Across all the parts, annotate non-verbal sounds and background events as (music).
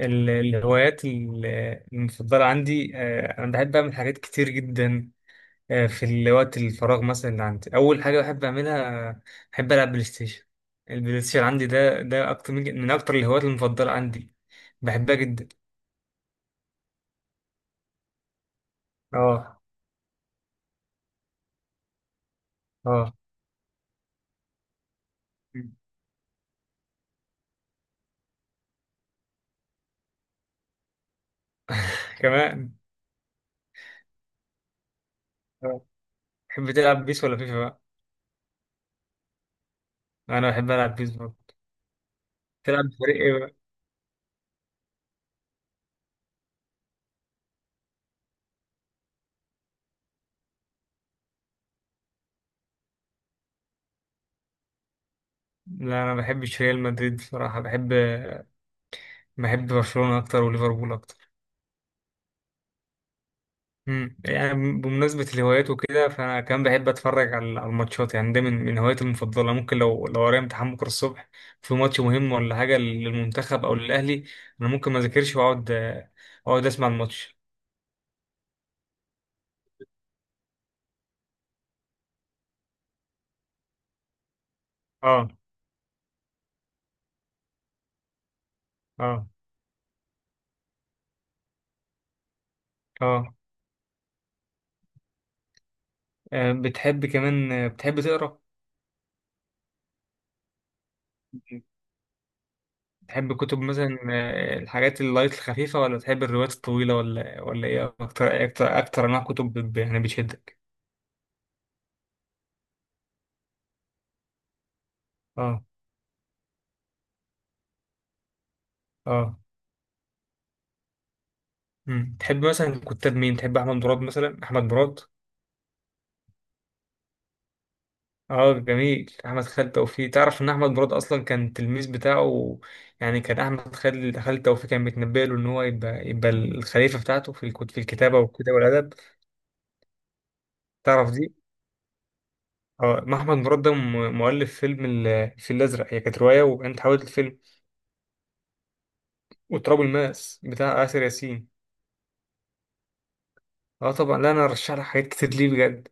الهوايات المفضلة عندي، أنا بحب أعمل حاجات كتير جدا. في الوقت الفراغ مثلا اللي عندي أول حاجة بحب أعملها، بحب ألعب بلاي ستيشن. البلاي ستيشن عندي ده أكتر من أكتر الهوايات المفضلة عندي، بحبها جدا. أه، أه، (laughs) كمان. آه. تحب تلعب بيس ولا فيفا بقى؟ أنا بحب ألعب بيس برضه. تلعب بفريق إيه بقى؟ لا أنا ما بحبش ريال مدريد بصراحة، بحب برشلونة أكتر وليفربول أكتر. مم. يعني بمناسبة الهوايات وكده، فأنا كمان بحب أتفرج على الماتشات، يعني ده من هواياتي المفضلة. ممكن لو ورايا امتحان بكرة الصبح، في ماتش مهم ولا حاجة للمنتخب أو للأهلي، أنا ممكن ما أذاكرش أقعد أسمع الماتش. أه، أه، أه، بتحب كمان، بتحب تقرا؟ بتحب كتب مثلا، الحاجات اللايت الخفيفة، ولا بتحب الروايات الطويلة، ولا إيه؟ أكتر أنواع كتب يعني بتشدك؟ أه، أه، مم. تحب مثلا كتاب مين؟ تحب احمد مراد مثلا؟ احمد مراد، اه، جميل. احمد خالد توفيق، تعرف ان احمد مراد اصلا كان التلميذ بتاعه؟ يعني كان احمد خالد توفيق كان متنبأ له ان هو يبقى الخليفه بتاعته في في الكتابه والكتابه والادب. تعرف دي؟ اه، ما احمد مراد ده مؤلف فيلم الفيل الازرق، هي كانت روايه وانت حاولت الفيلم، وتراب الماس بتاع آسر ياسين. اه، طبعا. لا انا ارشح لك حاجات كتير، ليه؟ بجد،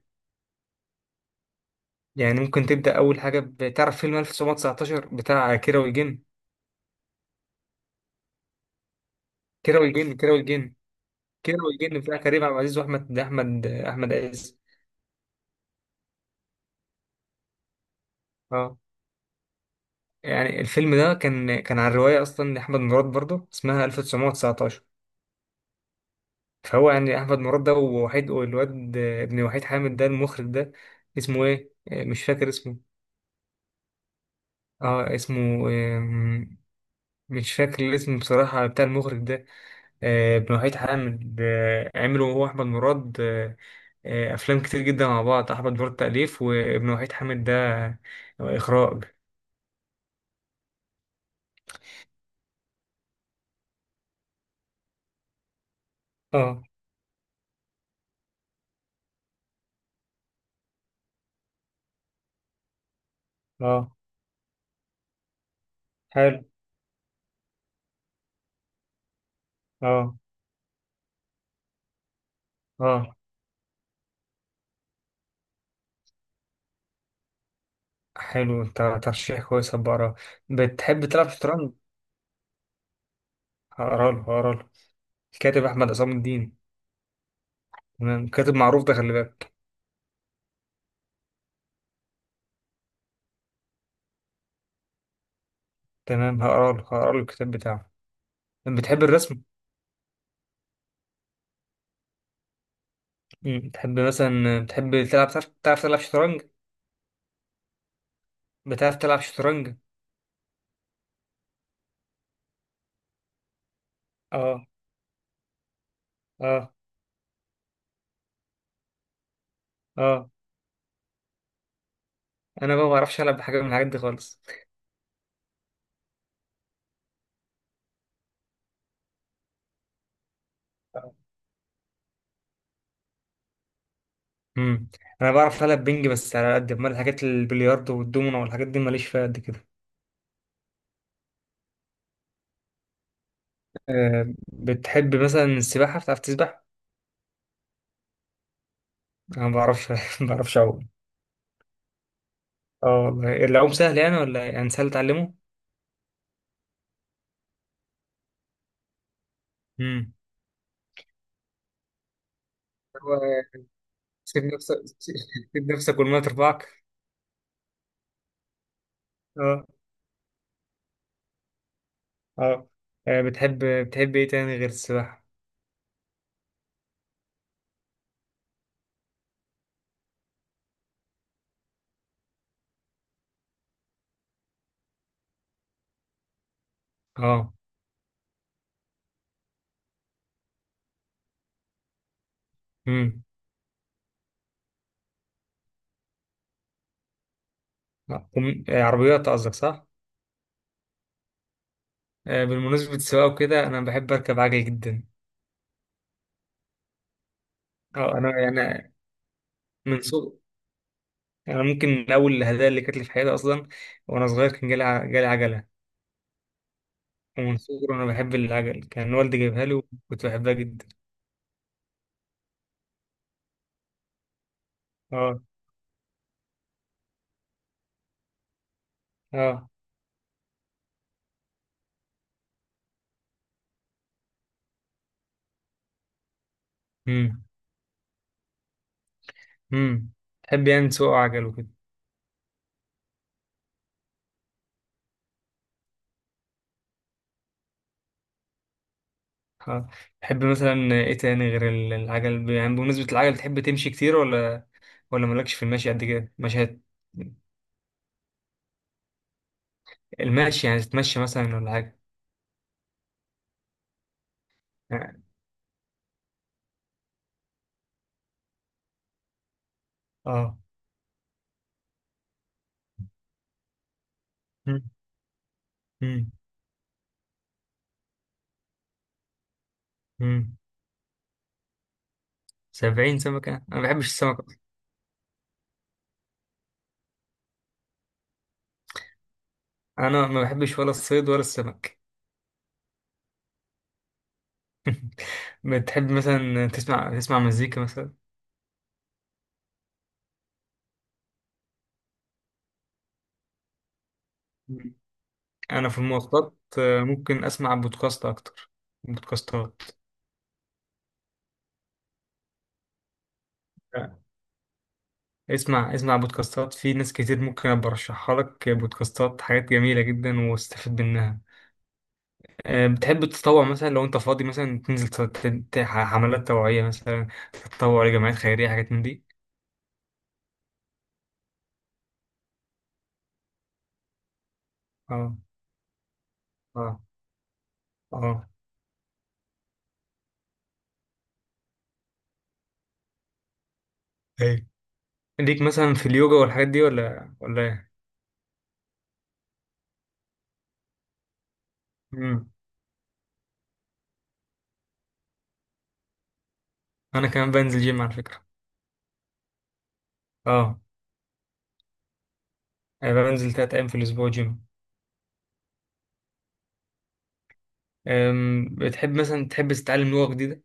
يعني ممكن تبدا اول حاجه بتعرف، فيلم 1919 بتاع كيرة والجن كيرة والجن كيرة والجن بتاع كريم عبد العزيز واحمد احمد احمد عز. اه، يعني الفيلم ده كان عن روايه اصلا لاحمد مراد برضه، اسمها 1919. فهو يعني احمد مراد ده ووحيد، والواد ابن وحيد حامد ده المخرج ده اسمه ايه؟ مش فاكر اسمه. اه، اسمه مش فاكر الاسم بصراحه بتاع المخرج ده. ابن وحيد حامد، عملوا هو احمد مراد، افلام كتير جدا مع بعض. احمد مراد تاليف، وابن وحيد حامد ده اخراج. اه، اه، حلو. اه، اه، حلو. انت ترشيح كويس، هبقى اقراه. بتحب تلعب شطرنج؟ هقرا له الكاتب احمد عصام الدين. تمام، كاتب معروف ده، خلي بالك. تمام، هقرا له الكتاب بتاعه. بتحب الرسم؟ مم. بتحب تلعب، تعرف تلعب شطرنج؟ بتعرف تلعب شطرنج؟ اه، اه، اه، انا بقى ما بعرفش العب بحاجه من الحاجات دي خالص. امم انا بعرف العب بينج بس، على قد ما الحاجات البلياردو والدومينو والحاجات دي ماليش فيها قد كده. أه، بتحب مثلا السباحه؟ بتعرف تسبح؟ انا ما بعرفش (laughs) ما بعرفش اعوم. اه، والله العوم سهل يعني ولا إيه؟ يعني سهل تعلمه. امم هو سيب نفسك (laughs) سيب نفسك والميه ترفعك. اه، اه، بتحب ايه تاني غير السباحه؟ اه، امم عربيات قصدك، صح؟ بالمناسبه السواقه وكده، انا بحب اركب عجل جدا. اه، انا يعني من صغر انا ممكن من اول الهدايا اللي كانت لي في حياتي اصلا، وانا صغير كان جالي جالي عجله، ومن صغري وانا بحب العجل، كان والدي جايبها لي وكنت بحبها جدا. اه، اه، امم امم تحب يعني تسوق عجل وكده؟ اه، تحب مثلا ايه تاني غير العجل؟ يعني بمناسبة العجل، تحب تمشي كتير، ولا مالكش في المشي قد كده؟ مشي المشي، يعني تتمشى مثلا ولا حاجة؟ اه، امم امم امم 70 سمكة؟ انا ما بحبش السمك أصلاً. انا ما بحبش ولا الصيد ولا السمك. (laughs) بتحب مثلا تسمع مزيكا مثلا؟ مم. انا في المواصلات ممكن اسمع بودكاست اكتر. بودكاستات، اسمع بودكاستات، في ناس كتير ممكن أبقى ارشحها لك، بودكاستات حاجات جميلة جدا واستفيد منها. بتحب تتطوع مثلا، لو انت فاضي مثلا تنزل حملات توعية مثلا، تتطوع لجمعيات خيرية، حاجات من دي؟ اه، اه، اه، ايه ليك مثلا في اليوجا والحاجات دي، ولا ايه؟ مم. انا كمان بنزل جيم على فكرة. اه، انا بنزل تلات ايام في الاسبوع جيم. بتحب مثلا تحب تتعلم لغة جديدة؟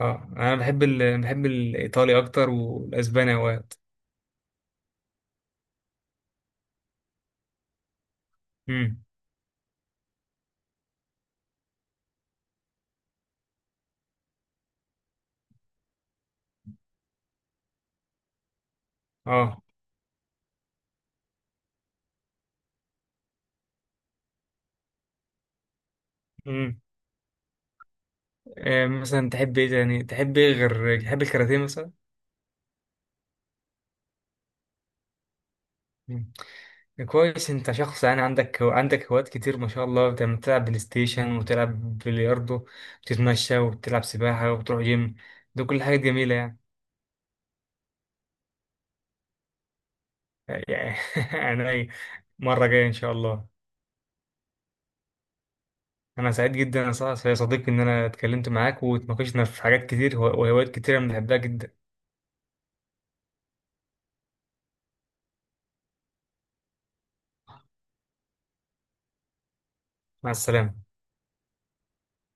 اه، انا بحب بحب الايطالي اكتر والاسباني اوقات. مم. اه، امم مثلا تحب ايه غير تحب الكاراتيه مثلا؟ مم. كويس، انت شخص يعني عندك هوايات كتير ما شاء الله، بتلعب بلاي ستيشن، وتلعب بلياردو، وتتمشى، وبتلعب سباحة، وبتروح جيم، ده كل حاجات جميلة يعني. يعني (laughs) يعني أي مرة جاية ان شاء الله. انا سعيد جدا يا يا صديقي ان انا اتكلمت معاك واتناقشنا في حاجات كتير وهوايات كتيرة بنحبها جدا. مع السلامة.